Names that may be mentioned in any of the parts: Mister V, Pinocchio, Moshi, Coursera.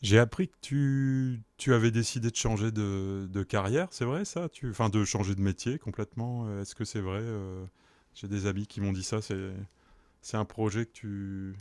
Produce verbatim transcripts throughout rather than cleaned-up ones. J'ai appris que tu, tu avais décidé de changer de, de carrière, c'est vrai ça tu, Enfin, de changer de métier complètement. euh, Est-ce que c'est vrai euh, J'ai des amis qui m'ont dit ça. C'est, c'est un projet que tu.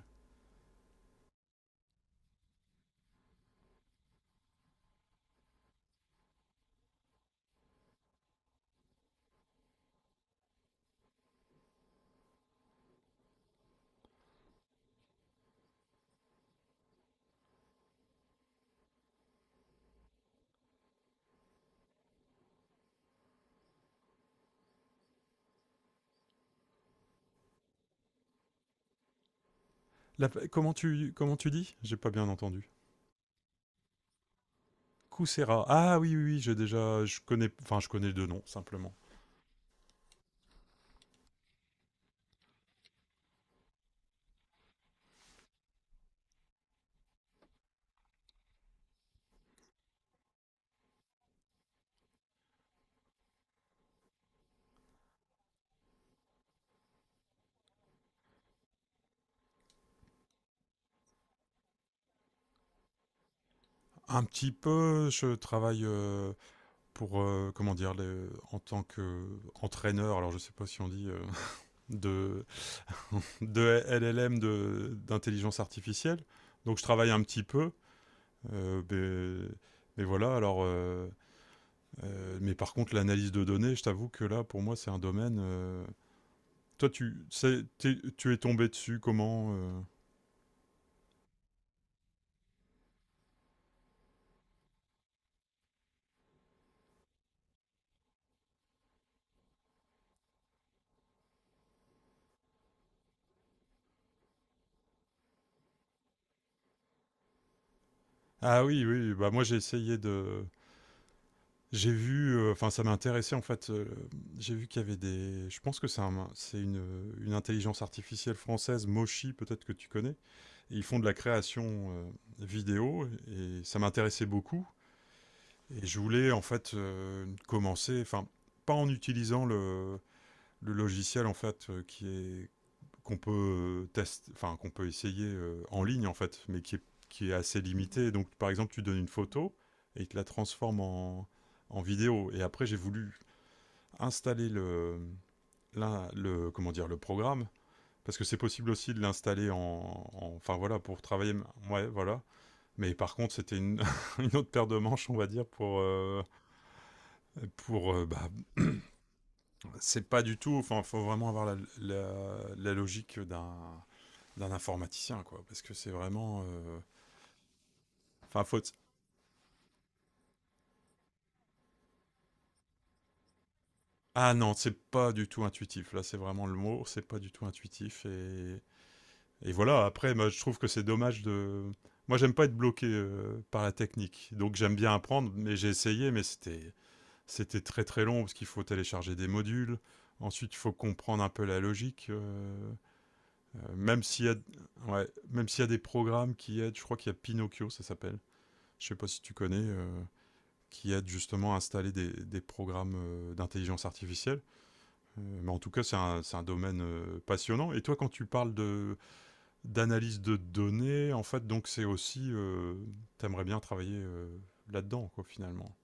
La- comment tu comment tu dis J'ai pas bien entendu. Coursera. Ah oui, oui, oui, j'ai déjà. Je connais. Enfin, je connais deux noms simplement. Un petit peu. Je travaille euh, pour euh, comment dire les- en tant que entraîneur. Alors, je sais pas si on dit euh, de de L L M de- d'intelligence artificielle. Donc je travaille un petit peu. euh, mais, mais voilà, alors. euh, euh, mais par contre, l'analyse de données, je t'avoue que là, pour moi, c'est un domaine. euh, Toi, tu, c'est- t'es- tu es tombé dessus comment euh. Ah oui, oui, bah moi j'ai essayé de. J'ai vu, euh, enfin ça m'intéressait en fait. euh, j'ai vu qu'il y avait des. Je pense que c'est un- c'est une, une intelligence artificielle française, Moshi, peut-être que tu connais. Ils font de la création euh, vidéo et ça m'intéressait beaucoup. Et je voulais en fait euh, commencer, enfin, pas en utilisant le, le logiciel en fait euh, qui est qu'on peut tester, enfin qu'on peut essayer euh, en ligne en fait, mais qui est, qui est assez limité. Donc par exemple, tu donnes une photo et il te la transforme en, en vidéo. Et après, j'ai voulu installer le, l'in- le comment dire le programme parce que c'est possible aussi de l'installer en, en- enfin voilà pour travailler. Ouais, voilà. Mais par contre, c'était une, une autre paire de manches, on va dire, pour. euh, pour euh, bah, c'est pas du tout. Enfin, il faut vraiment avoir la, la- la logique d'un d'un informaticien, quoi. Parce que c'est vraiment. euh, Enfin, euh, faut. Ah non, c'est pas du tout intuitif. Là, c'est vraiment le mot. C'est pas du tout intuitif. Et, et voilà, après, moi, je trouve que c'est dommage de. Moi, j'aime pas être bloqué euh, par la technique. Donc, j'aime bien apprendre, mais j'ai essayé, mais c'était. C'était très très long parce qu'il faut télécharger des modules. Ensuite, il faut comprendre un peu la logique. euh, euh, même s'il y a, ouais, même s'il y a des programmes qui aident, je crois qu'il y a Pinocchio, ça s'appelle. Je sais pas si tu connais, euh, qui aide justement à installer des, des programmes euh, d'intelligence artificielle. Euh, mais en tout cas, c'est un, c'est un domaine euh, passionnant. Et toi, quand tu parles de d'analyse de données, en fait, donc c'est aussi, euh, t'aimerais bien travailler euh, là-dedans, quoi, finalement.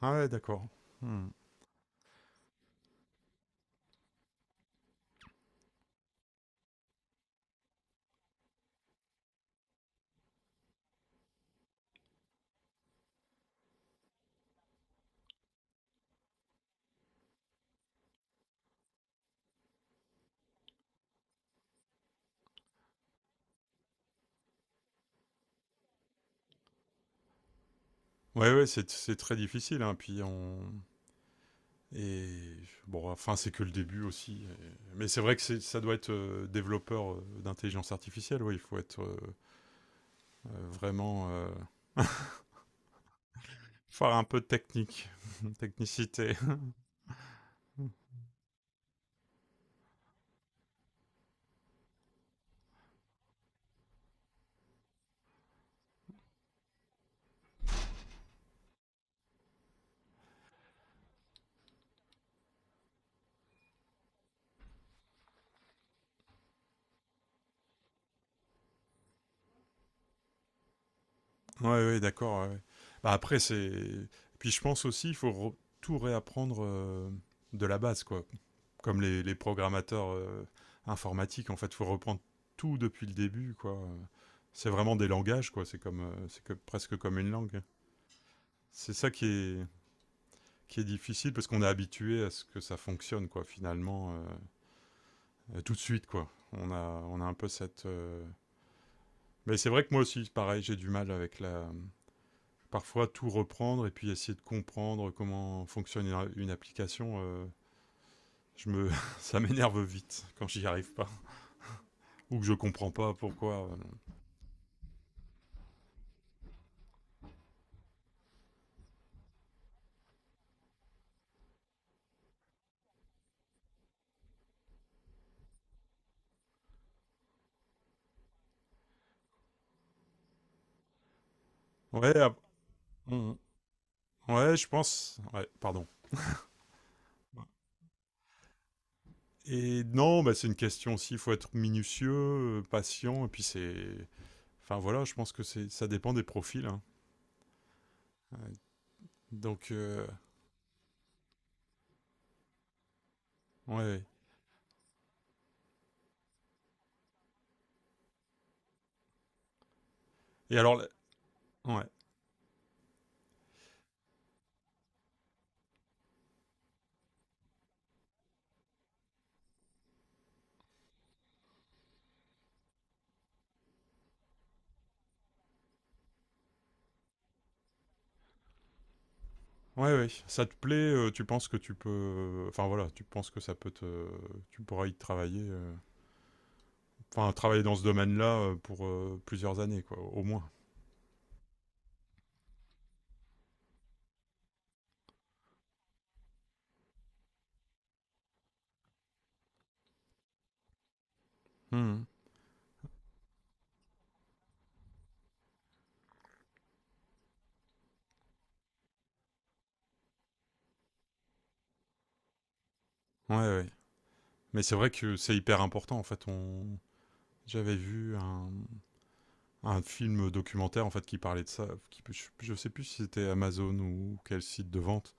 Ah ouais, d'accord. Hmm. Ouais, ouais, c'est c'est très difficile, hein, puis on. Et bon, enfin, c'est que le début aussi. Et- Mais c'est vrai que c'est- ça doit être euh, développeur euh, d'intelligence artificielle, oui, il faut être euh, euh, vraiment... euh, faire un peu de technique, technicité. Ouais, ouais, d'accord. Ouais, ouais. Bah, après, c'est... Puis je pense aussi, il faut re- tout réapprendre euh, de la base, quoi. Comme les, les programmateurs euh, informatiques, en fait, il faut reprendre tout depuis le début, quoi. C'est vraiment des langages, quoi. C'est comme, euh, c'est que presque comme une langue. C'est ça qui est, qui est difficile parce qu'on est habitué à ce que ça fonctionne, quoi. Finalement, euh, tout de suite, quoi. On a, on a un peu cette. Euh... Mais c'est vrai que moi aussi, pareil, j'ai du mal avec la. Parfois, tout reprendre et puis essayer de comprendre comment fonctionne une, une application. Euh... Je me... ça m'énerve vite quand j'y arrive pas ou que je comprends pas pourquoi euh, Ouais, ap- on- ouais, je pense. Ouais, pardon. Et non, bah, c'est une question aussi. Il faut être minutieux, euh, patient, et puis c'est. Enfin voilà, je pense que c'est, ça dépend des profils, hein. Ouais. Donc euh, ouais. Ouais. Et alors, la- ouais, ouais, ouais. Ça te plaît euh, Tu penses que tu peux. Enfin voilà, tu penses que ça peut te. Tu pourras y travailler. euh, Enfin, travailler dans ce domaine-là euh, pour euh, plusieurs années, quoi, au moins. Mhm. Ouais, ouais. Mais c'est vrai que c'est hyper important. En fait, on. J'avais vu un, un film documentaire en fait qui parlait de ça. Qui, je, je sais plus si c'était Amazon ou quel site de vente.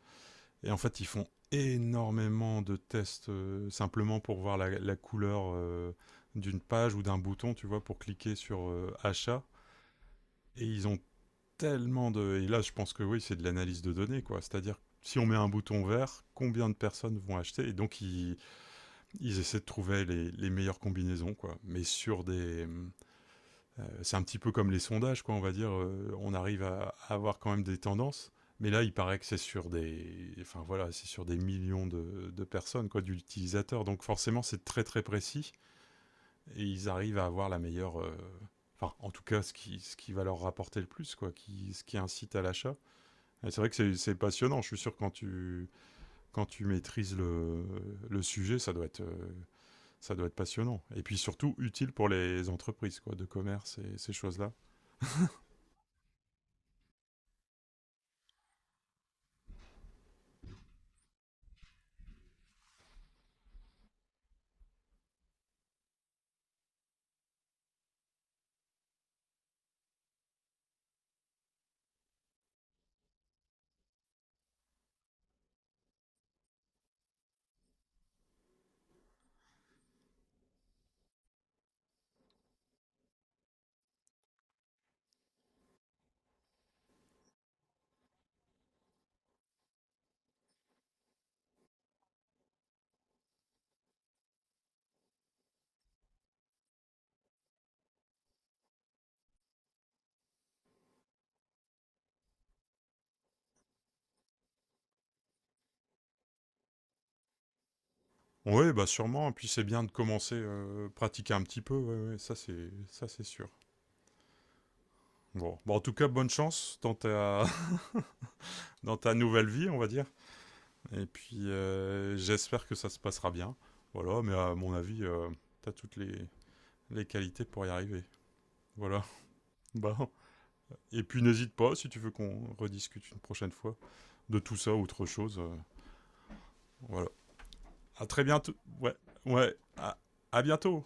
Et en fait, ils font énormément de tests euh, simplement pour voir la, la couleur euh, d'une page ou d'un bouton, tu vois, pour cliquer sur euh, achat. Et ils ont tellement de. Et là, je pense que oui, c'est de l'analyse de données, quoi. C'est-à-dire, si on met un bouton vert, combien de personnes vont acheter. Et donc, ils, ils essaient de trouver les, les meilleures combinaisons, quoi. Mais sur des, c'est un petit peu comme les sondages, quoi, on va dire. euh, on arrive à, à avoir quand même des tendances. Mais là, il paraît que c'est sur des, enfin voilà, c'est sur des millions de, de personnes, quoi, d'utilisateurs. Donc forcément, c'est très très précis et ils arrivent à avoir la meilleure, euh, enfin en tout cas, ce qui, ce qui va leur rapporter le plus, quoi, qui, ce qui incite à l'achat. Et c'est vrai que c'est- c'est passionnant. Je suis sûr que quand tu, quand tu maîtrises le, le sujet, ça doit être, euh, ça doit être passionnant. Et puis surtout utile pour les entreprises, quoi, de commerce et ces choses-là. Ouais, bah sûrement, et puis c'est bien de commencer, heu, pratiquer un petit peu, ouais, ouais, ça c'est ça c'est sûr. Bon, bon en tout cas bonne chance dans ta dans ta nouvelle vie, on va dire, et puis, heu, j'espère que ça se passera bien. Voilà, mais à mon avis, heu, tu as toutes les les qualités pour y arriver. Voilà. Bon et puis n'hésite pas si tu veux qu'on rediscute une prochaine fois de tout ça ou autre chose, heu, voilà. À très bientôt ouais, ouais, à à bientôt!